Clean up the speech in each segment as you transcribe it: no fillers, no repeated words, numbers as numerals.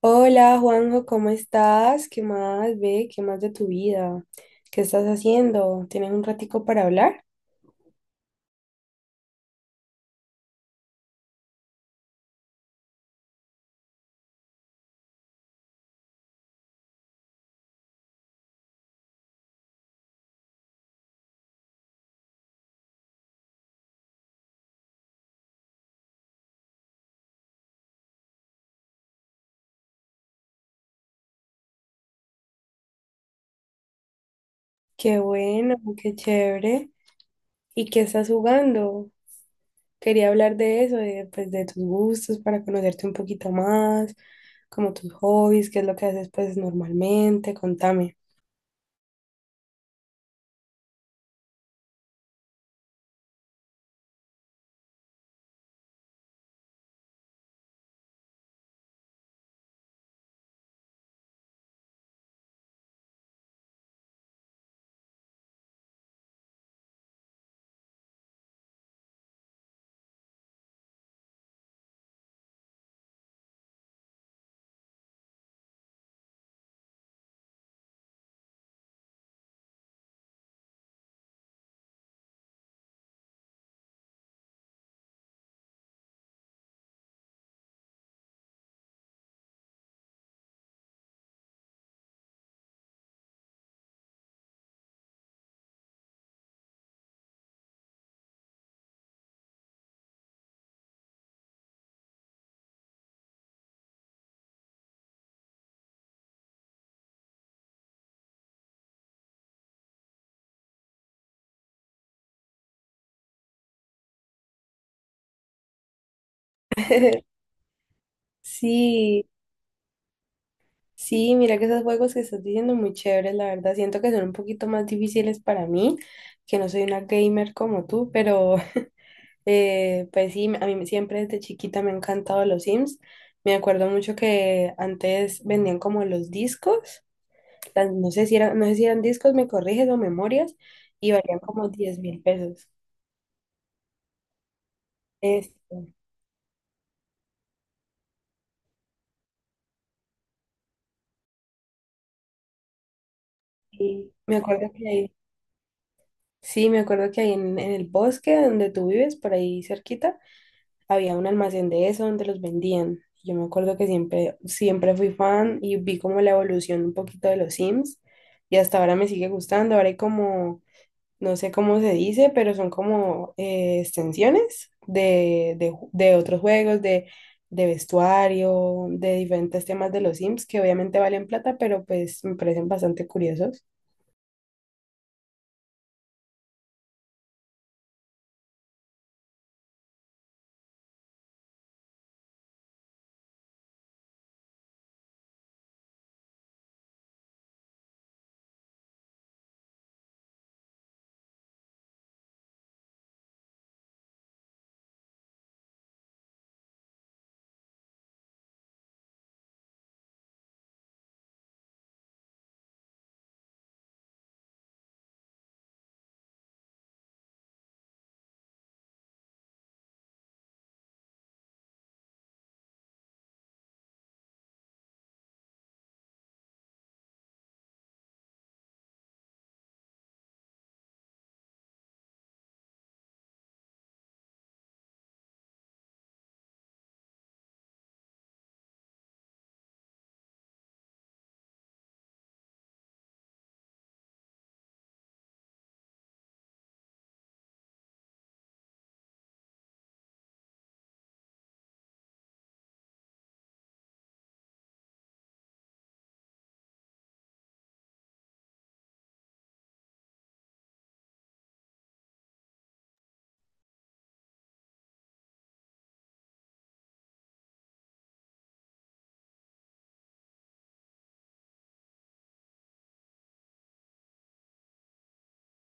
Hola Juanjo, ¿cómo estás? ¿Qué más, ve? ¿Qué más de tu vida? ¿Qué estás haciendo? ¿Tienes un ratico para hablar? Qué bueno, qué chévere. ¿Y qué estás jugando? Quería hablar de eso, pues, de tus gustos, para conocerte un poquito más, como tus hobbies, qué es lo que haces pues normalmente, contame. Sí. Sí, Mira que esos juegos que estás diciendo muy chéveres, la verdad. Siento que son un poquito más difíciles para mí, que no soy una gamer como tú, pero pues sí, a mí siempre desde chiquita me han encantado los Sims. Me acuerdo mucho que antes vendían como los discos, no sé si eran, no sé si eran discos, me corriges o memorias, y valían como 10.000 pesos. Este, y me acuerdo que ahí, sí, me acuerdo que ahí en el bosque donde tú vives, por ahí cerquita, había un almacén de eso donde los vendían. Yo me acuerdo que siempre, siempre fui fan y vi como la evolución un poquito de los Sims y hasta ahora me sigue gustando. Ahora hay como, no sé cómo se dice, pero son como extensiones de otros juegos, de vestuario, de diferentes temas de los Sims que obviamente valen plata, pero pues me parecen bastante curiosos.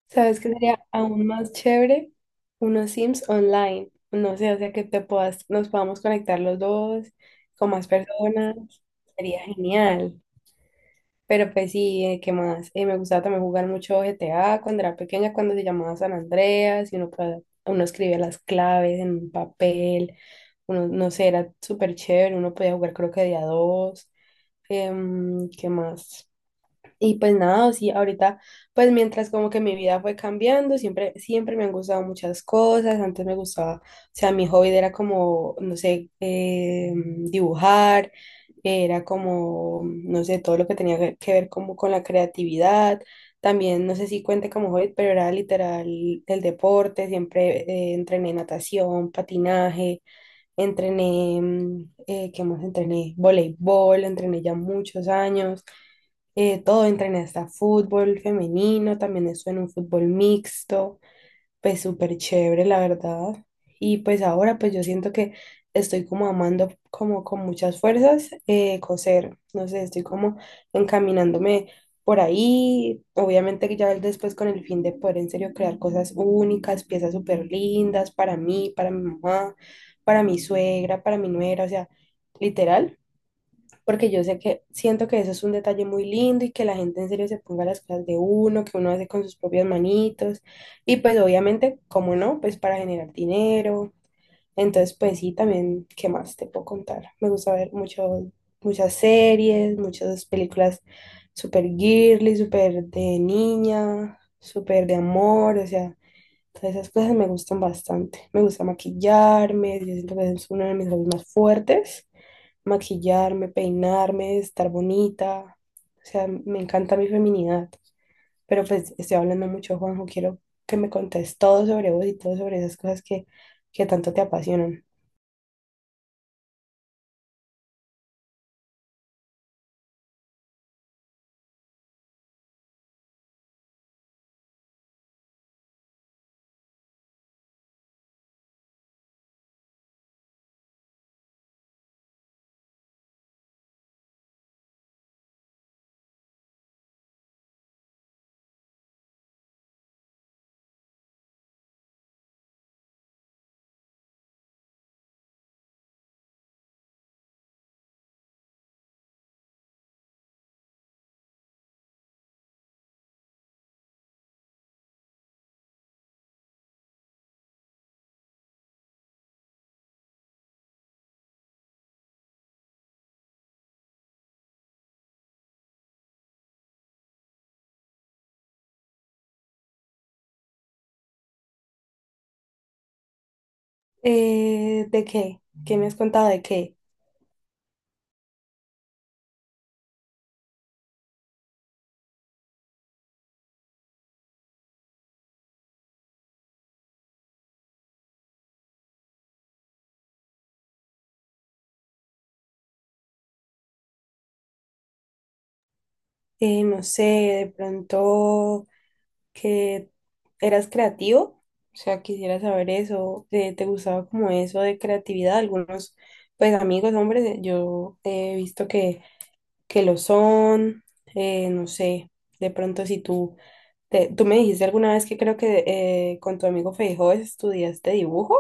¿Sabes qué sería aún más chévere? Unos Sims online. No sé, o sea, que te puedas, nos podamos conectar los dos con más personas. Sería genial. Pero pues sí, ¿qué más? Me gustaba también jugar mucho GTA cuando era pequeña, cuando se llamaba San Andreas, y uno, uno escribía las claves en un papel. Uno, no sé, era súper chévere. Uno podía jugar creo que de a dos. ¿Qué más? Y pues nada, sí, ahorita, pues mientras como que mi vida fue cambiando, siempre, siempre me han gustado muchas cosas, antes me gustaba, o sea, mi hobby era como, no sé, dibujar, era como, no sé, todo lo que tenía que ver como con la creatividad, también, no sé si cuente como hobby, pero era literal el deporte, siempre entrené natación, patinaje, entrené, ¿qué más entrené? Voleibol, entrené ya muchos años todo entra en esta, fútbol femenino, también eso en un fútbol mixto, pues súper chévere, la verdad. Y pues ahora pues yo siento que estoy como amando como con muchas fuerzas coser, no sé, estoy como encaminándome por ahí, obviamente que ya después con el fin de poder en serio crear cosas únicas, piezas súper lindas para mí, para mi mamá, para mi suegra, para mi nuera, o sea, literal, porque yo sé que siento que eso es un detalle muy lindo y que la gente en serio se ponga las cosas de uno, que uno hace con sus propias manitos y pues obviamente, ¿cómo no? Pues para generar dinero. Entonces, pues sí, también, ¿qué más te puedo contar? Me gusta ver mucho, muchas series, muchas películas súper girly, súper de niña, súper de amor, o sea, entonces, esas cosas me gustan bastante. Me gusta maquillarme, yo siento que es uno de mis hobbies más fuertes. Maquillarme, peinarme, estar bonita. O sea, me encanta mi feminidad. Pero pues estoy hablando mucho, Juanjo. Quiero que me contes todo sobre vos y todo sobre esas cosas que tanto te apasionan. ¿De qué? ¿Qué me has contado de qué? No sé, de pronto que eras creativo, o sea, quisiera saber eso, ¿te gustaba como eso de creatividad? Algunos, pues amigos, hombres, yo he visto que lo son, no sé, de pronto si tú, tú me dijiste alguna vez que creo que con tu amigo Feijó estudiaste dibujo,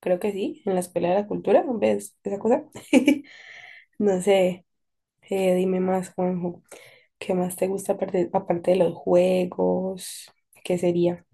creo que sí, en la Escuela de la Cultura, ¿ves esa cosa? No sé, dime más, Juanjo. ¿Qué más te gusta aparte, aparte de los juegos? ¿Qué sería?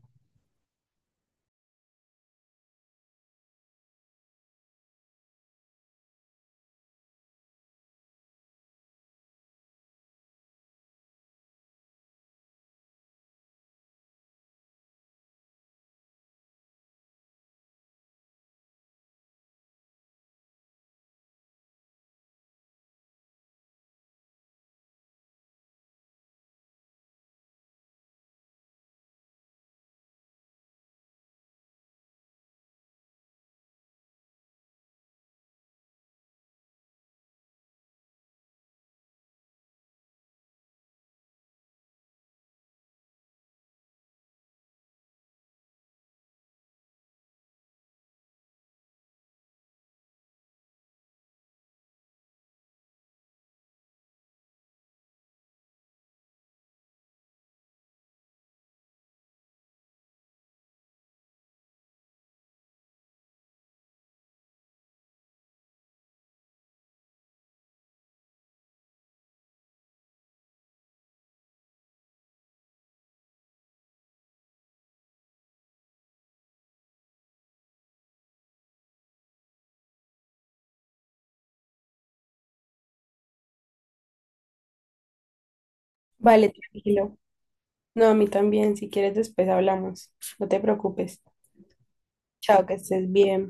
Vale, tranquilo. No, a mí también. Si quieres, después hablamos. No te preocupes. Chao, que estés bien.